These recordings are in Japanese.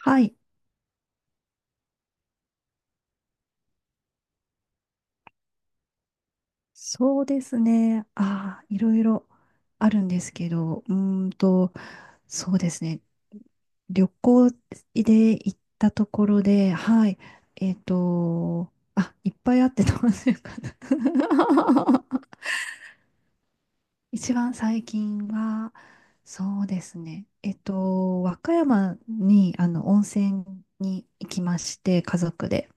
はい、そうですね。ああ、いろいろあるんですけど、そうですね。旅行で行ったところで、はい、あ、いっぱいあってどうするかな。一番最近は、そうですね。和歌山に、温泉に行きまして、家族で。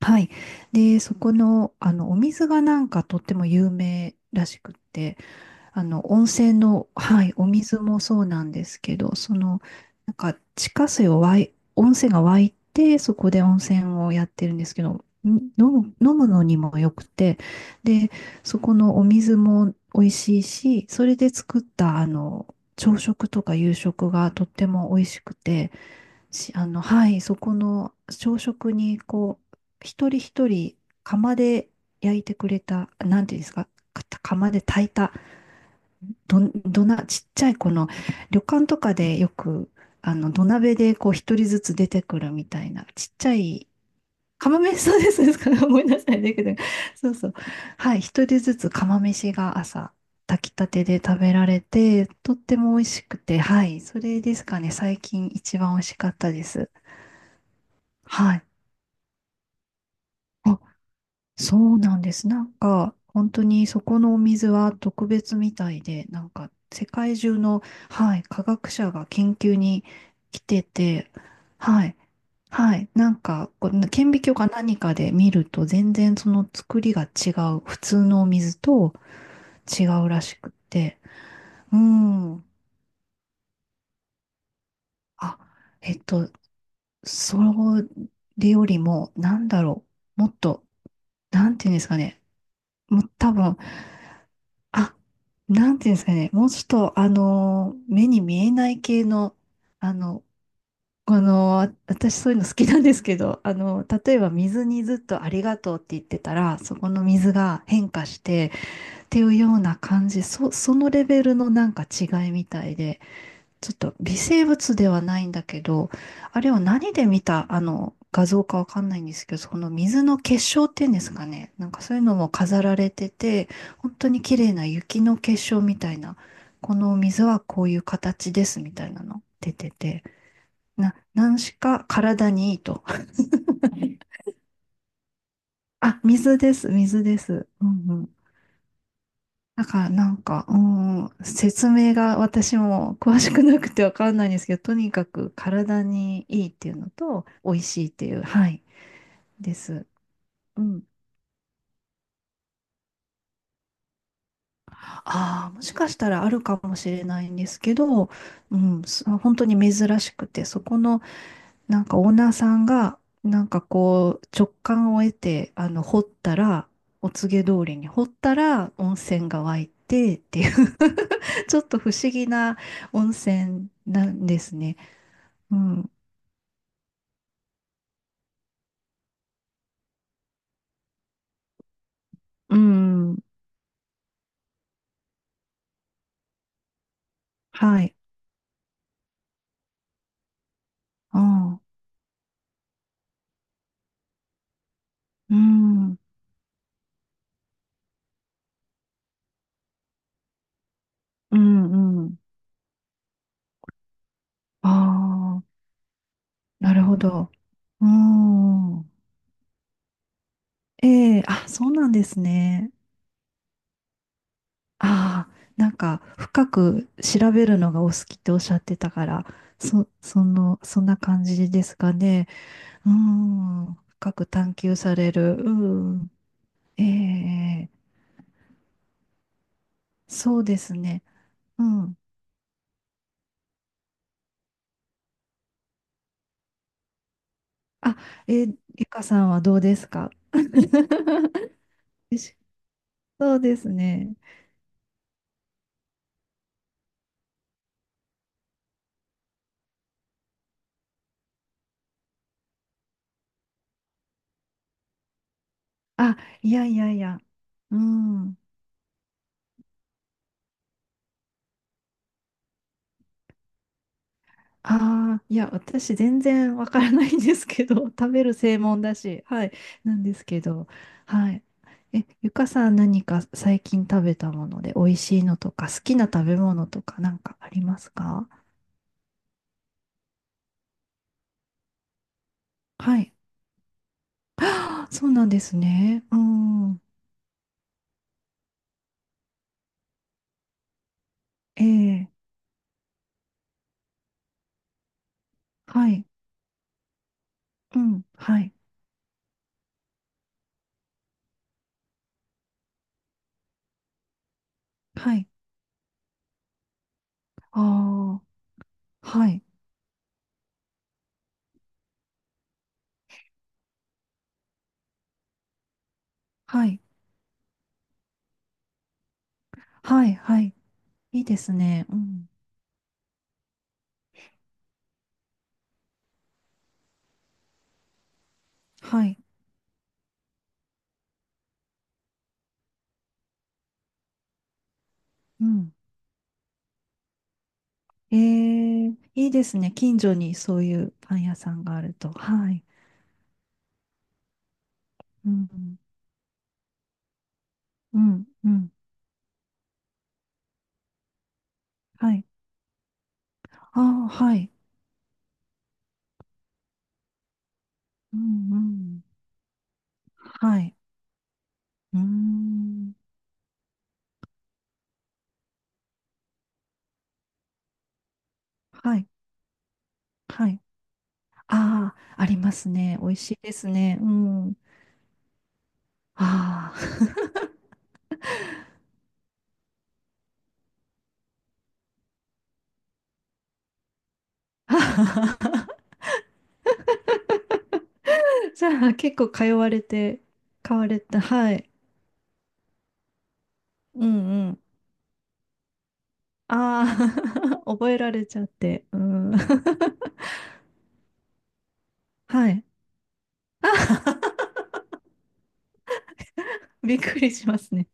はい。で、そこの、お水がなんかとっても有名らしくって、温泉の、はい、お水もそうなんですけど、その、なんか、地下水を湧い、温泉が湧いて、そこで温泉をやってるんですけど、ん飲むのにもよくて、で、そこのお水も美味しいし、それで作った、朝食とか夕食がとっても美味しくて、はい、そこの朝食に、こう、一人一人釜で焼いてくれた、なんていうんですか、か釜で炊いた、ど、どな、ちっちゃいこの、旅館とかでよく、土鍋でこう、一人ずつ出てくるみたいな、ちっちゃい、釜飯、そうです、ですから、ごめんなさい、だけど、そうそう。はい、一人ずつ釜飯が朝、炊きたてで食べられて、とっても美味しくて、はい、それですかね、最近一番美味しかったです。はい。あ、そうなんです。なんか、本当にそこのお水は特別みたいで、なんか、世界中の、はい、科学者が研究に来てて、はい、はい、なんか、こう顕微鏡か何かで見ると、全然その作りが普通のお水と違うらしくって、うん、あ、えっと、それよりも、なんだろう、もっと、なんていうんですかね、もう多分、あ、なんていうんですかね。もうちょっと、目に見えない系の、あの、この、あ私そういうの好きなんですけど、例えば水にずっとありがとうって言ってたら、そこの水が変化してっていうような感じ、そのレベルのなんか違いみたいで、ちょっと微生物ではないんだけど、あれを何で見た、画像かわかんないんですけど、その水の結晶っていうんですかね。なんかそういうのも飾られてて、本当に綺麗な雪の結晶みたいな、この水はこういう形ですみたいなの出てて、何しか体にいいと。あ、水です、水です。うん。だからなんか、うん、説明が私も詳しくなくてわかんないんですけど、とにかく体にいいっていうのと、美味しいっていう、はい、です。うん。ああ、もしかしたらあるかもしれないんですけど、うん、本当に珍しくて、そこのなんかオーナーさんが、なんかこう、直感を得て、掘ったら、お告げ通りに掘ったら温泉が湧いてっていう ちょっと不思議な温泉なんですね。うん。うん。はい。ああ。うん。うん。うん。ああ。なるほど。うん。ええ、あ、そうなんですね。ああ。なんか、深く調べるのがお好きっておっしゃってたから、その、そんな感じですかね。うん。深く探求される。うん。ええ、そうですね。うん。あ、えー、ゆかさんはどうですか？ よしそうですね。あ、いやいやいや。うん。ああ、いや、私全然わからないんですけど、食べる専門だし、はい、なんですけど、はい。え、ゆかさん何か最近食べたもので美味しいのとか、好きな食べ物とかなんかありますか？はい。あーそうなんですね。うん。ええ、はい。うん、はい。はい。ああ、はい。はい。はい、はい。いいですね。うん。はい。うん。ええ。いいですね。近所にそういうパン屋さんがあると。はい。うん、うん、うん。はい。ああ、はい。うん、うん。はい。うーん。はい。はい。ああ、ありますね。美味しいですね。うん。ああ。じゃあ、結構通われて、買われた。はい。うんうん。ああ、覚えられちゃって。うん。はい。あ、びっくりしますね。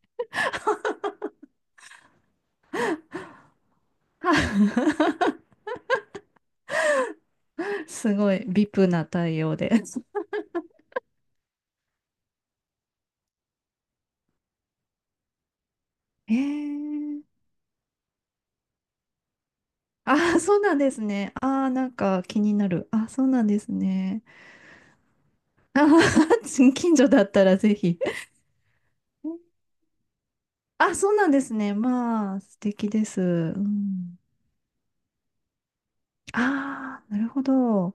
すごい、VIP な対応で。えー、あーそうなんですね。あーなんか気になる。あーそうなんですね。あー、 近所だったらぜひ。あ、そうなんですね。まあ、素敵です。うん。ああ、なるほど。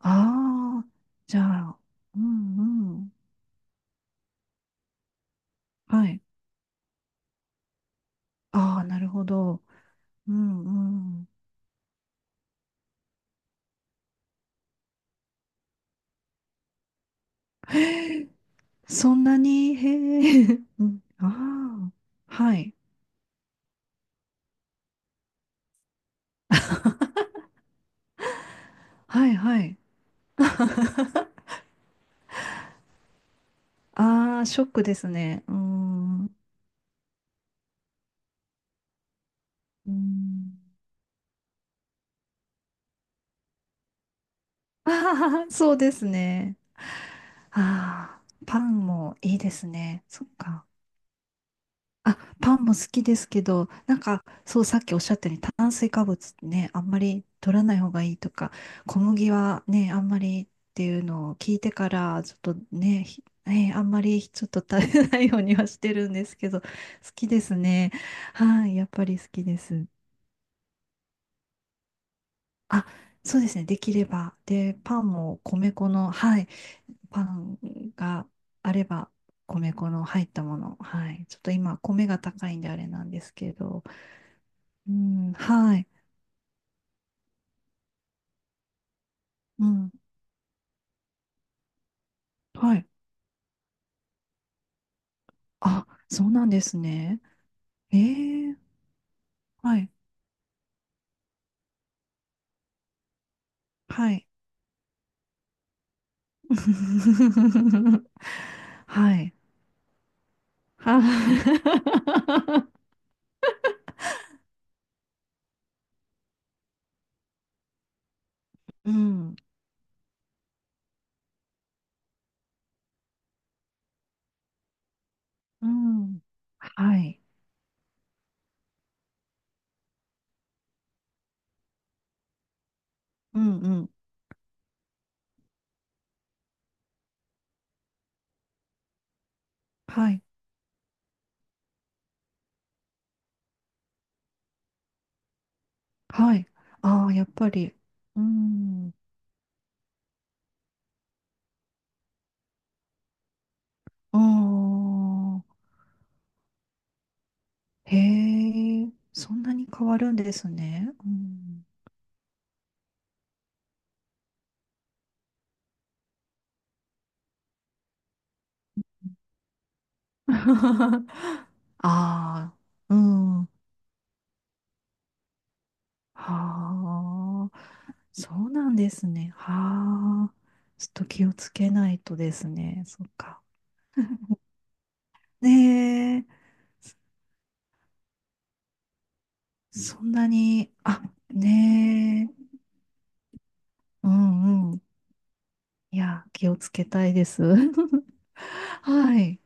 ああ、じゃあ、うんうん。はい。ああ、なるほど。うんうん。へえ、そんなに、へえ。うん、ああ、はい。はいはい。ああ、ショックですね。うーん。うーん。ああ、そうですね。ああ、パンもいいですね。そっか。あ、パンも好きですけど、なんか、そう、さっきおっしゃったように炭水化物ね、あんまり取らない方がいいとか、小麦はね、あんまりっていうのを聞いてから、ちょっとね、ひねあんまりちょっと食べないようにはしてるんですけど、好きですね。はい、やっぱり好きです。あ、そうですね。できれば。で、パンも米粉の、はい。パンがあれば、米粉の入ったもの。はい。ちょっと今、米が高いんであれなんですけど。うん、はい。うん、はい。あ、そうなんですね。えー、はい。はい。はい。は うん、うん。はい。うん、うん。はい。はい。ああ、やっぱり。うん。ああ、へえ、そんなに変わるんですね。うん、ああ、うん。はあ、そうなんですね。はあ、ちょっと気をつけないとですね。そっか。ねえ、そんなに、あ、ねえ、うんうん。いや、気をつけたいです。はい。